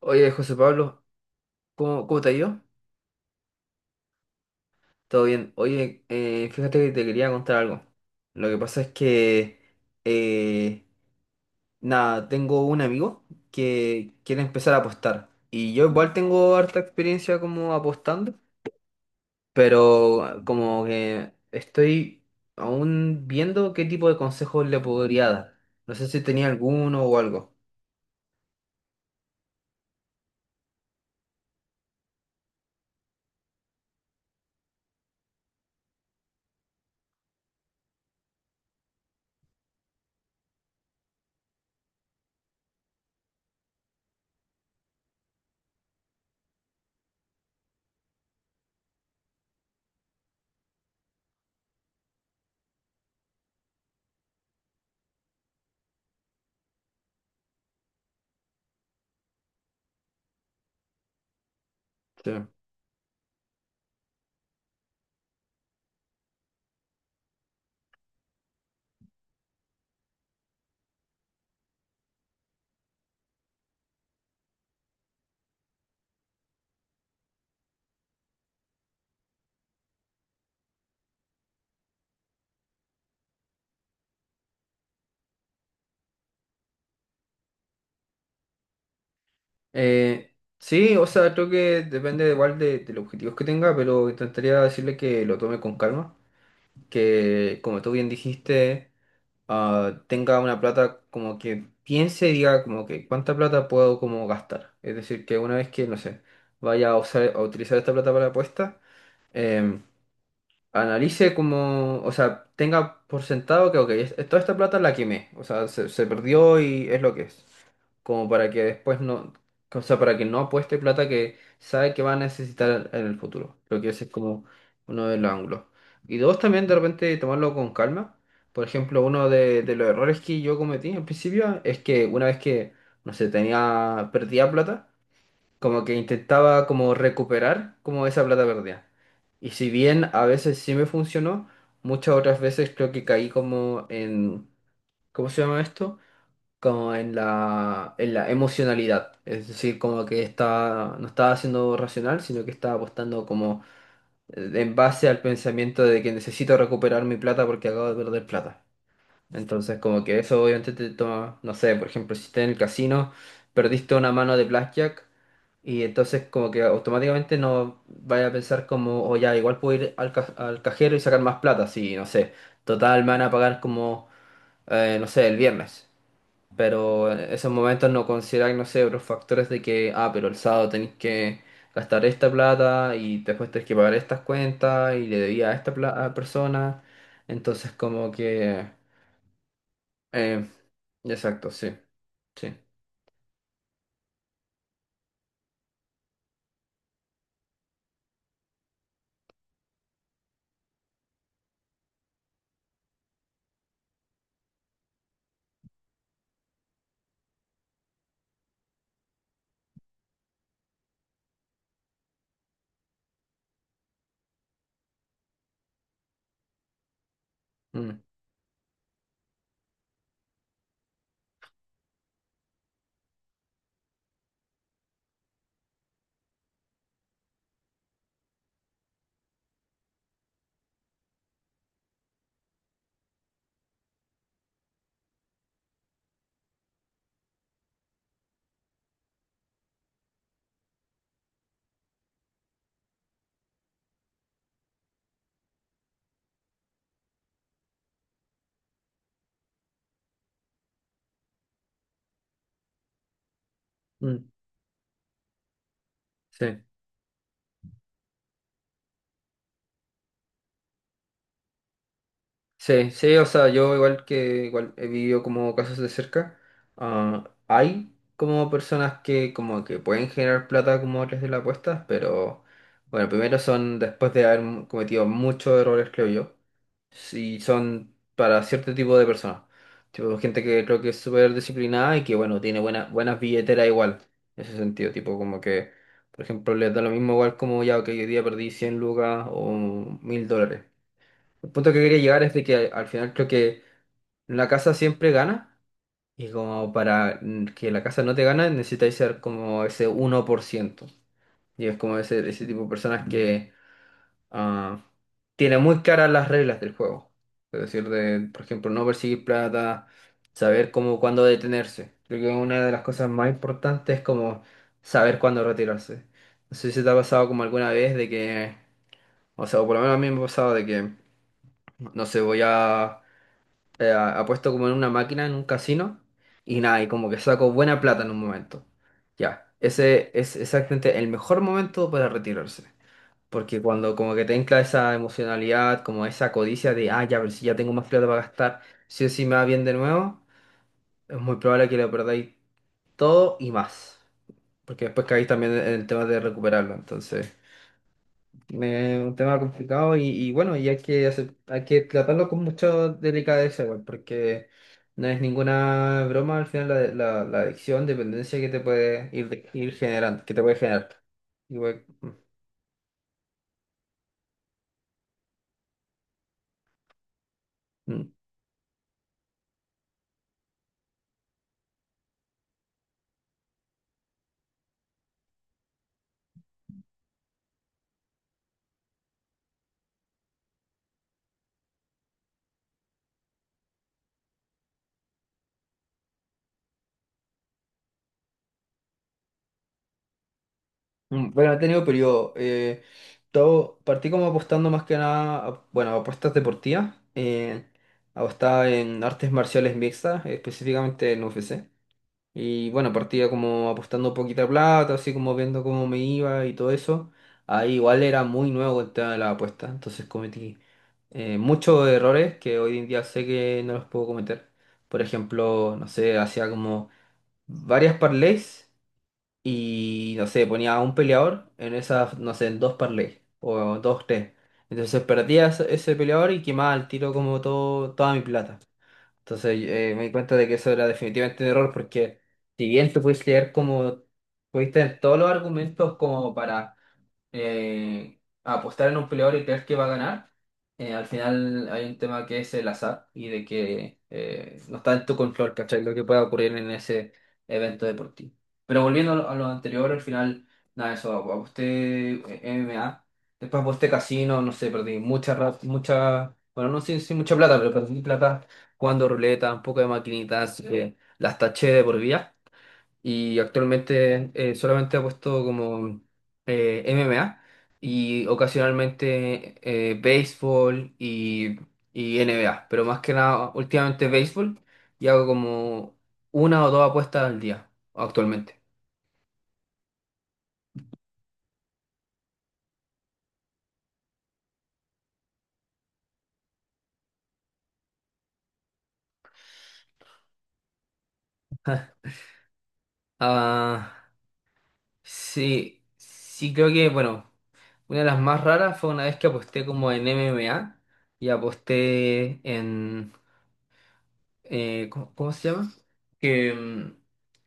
Oye, José Pablo, ¿cómo te ha ido? Todo bien. Oye, fíjate que te quería contar algo. Lo que pasa es que, eh, nada, tengo un amigo que quiere empezar a apostar. Y yo igual tengo harta experiencia como apostando, pero como que estoy aún viendo qué tipo de consejos le podría dar. No sé si tenía alguno o algo. Sí. Sí, o sea, creo que depende igual de los objetivos que tenga, pero intentaría decirle que lo tome con calma, que como tú bien dijiste, tenga una plata como que piense y diga como que cuánta plata puedo como gastar. Es decir, que una vez que, no sé, vaya a usar, a utilizar esta plata para apuestas, analice como, o sea, tenga por sentado que, ok, toda esta plata la quemé, o sea, se perdió y es lo que es. Como para que después no, o sea, para que no apueste plata que sabe que va a necesitar en el futuro. Lo que ese es como uno de los ángulos. Y dos, también de repente tomarlo con calma. Por ejemplo, uno de los errores que yo cometí al principio es que una vez que, no sé, perdía plata como que intentaba como recuperar como esa plata perdida. Y si bien a veces sí me funcionó, muchas otras veces creo que caí como en, ¿cómo se llama esto? Como en la emocionalidad. Es decir, como que no estaba siendo racional, sino que estaba apostando como en base al pensamiento de que necesito recuperar mi plata porque acabo de perder plata. Entonces, como que eso obviamente te toma, no sé, por ejemplo, si estás en el casino, perdiste una mano de blackjack y entonces como que automáticamente no vaya a pensar como, o ya, igual puedo ir al cajero y sacar más plata, si, no sé, total me van a pagar como, no sé, el viernes. Pero en esos momentos no consideráis, no sé, otros factores de que, pero el sábado tenéis que gastar esta plata y después tenéis que pagar estas cuentas y le debía a esta a persona. Entonces, como que. Eh, exacto, sí, sí. Mm, mm, sí, sí, sí, o sea, yo igual que igual he vivido como casos de cerca, hay como personas que como que pueden generar plata como a través de las apuestas, pero bueno, primero son después de haber cometido muchos errores, creo yo. Sí, son para cierto tipo de personas. Tipo, gente que creo que es súper disciplinada y que, bueno, tiene buenas billeteras igual. En ese sentido, tipo, como que, por ejemplo, les da lo mismo igual como ya, que hoy día perdí 100 lucas o 1.000 dólares. El punto que quería llegar es de que al final creo que la casa siempre gana y como para que la casa no te gane necesitáis ser como ese 1%. Y es como ese tipo de personas que ah, tiene muy claras las reglas del juego. Es decir, de, por ejemplo, no perseguir plata, saber cómo, cuándo detenerse. Creo que una de las cosas más importantes es como saber cuándo retirarse. No sé si te ha pasado como alguna vez de que, o sea, o por lo menos a mí me ha pasado de que, no sé, voy a, apuesto como en una máquina, en un casino, y nada, y como que saco buena plata en un momento. Ya, ese es exactamente el mejor momento para retirarse. Porque cuando como que te entra esa emocionalidad, como esa codicia de, ah, ya, pero si ya tengo más plata para gastar, si o si me va bien de nuevo, es muy probable que lo perdáis todo y más. Porque después caéis también en el tema de recuperarlo. Entonces, es un tema complicado y bueno, y hay que, hay que tratarlo con mucha delicadeza, igual, porque no es ninguna broma al final la, adicción, dependencia que te puede ir generando, que te puede generar. Igual. mm, Bueno, he tenido periodo. Todo, partí como apostando más que nada, bueno, a apuestas deportivas. Apostaba en artes marciales mixtas, específicamente en UFC. Y bueno, partía como apostando poquita plata, así como viendo cómo me iba y todo eso. Ahí igual era muy nuevo el tema de la apuesta, entonces cometí muchos errores que hoy en día sé que no los puedo cometer. Por ejemplo, no sé, hacía como varias parlays y no sé, ponía a un peleador en esas, no sé, en dos parlays o dos, tres. Entonces perdía ese peleador y quemaba al tiro como toda mi plata. Entonces me di cuenta de que eso era definitivamente un error porque si bien tú puedes leer como, pudiste tener todos los argumentos como para a apostar en un peleador y creer que va a ganar, al final hay un tema que es el azar y de que no está en tu control, ¿cachai? Lo que pueda ocurrir en ese evento deportivo. Pero volviendo a lo anterior, al final, nada, eso, aposté MMA, después aposté casino, no sé, perdí mucha, bueno, no sé si mucha plata, pero perdí plata jugando ruleta, un poco de maquinitas, las taché de por vida y actualmente solamente ha puesto como MMA y ocasionalmente béisbol y NBA, pero más que nada últimamente béisbol y hago como una o dos apuestas al día actualmente. Ah, sí, sí creo que, bueno, una de las más raras fue una vez que aposté como en MMA y aposté en, ¿cómo se llama? Que, mm,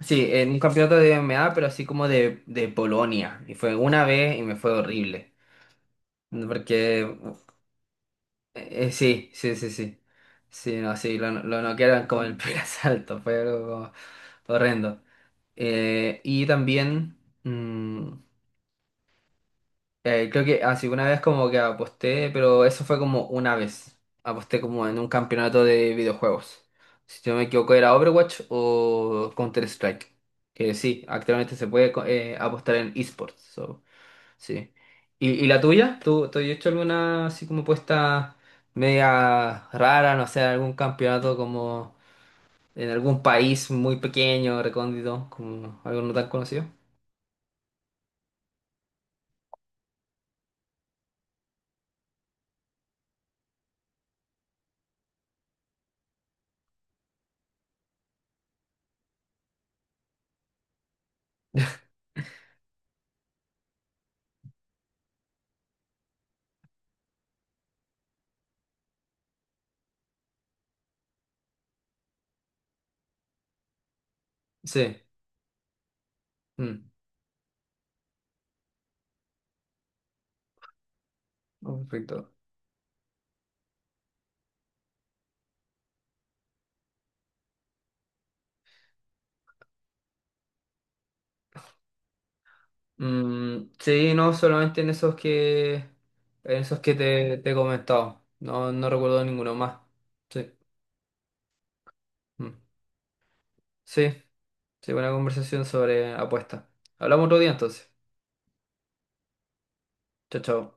sí, en un campeonato de MMA, pero así como de Polonia. Y fue una vez y me fue horrible. Mm, porque, sí, sí, sí, sí. Sí, no, sí, lo noquearon como el primer asalto. Fue algo horrendo. Y también. mm, creo que así una vez como que aposté, pero eso fue como una vez. Aposté como en un campeonato de videojuegos. Si no me equivoco era Overwatch o Counter-Strike. Que sí, actualmente se puede apostar en esports. So, sí. ¿Y la tuya? ¿Tú has hecho alguna así como apuesta media rara, no sé, algún campeonato como en algún país muy pequeño, recóndito, como algo no tan conocido? Sí. Mm. Oh, perfecto. Mm, sí, no, solamente en en esos que te he comentado. No, no recuerdo ninguno más. Sí. Mm. Sí, sí, buena conversación sobre apuestas. Hablamos otro día entonces. Chao, chao.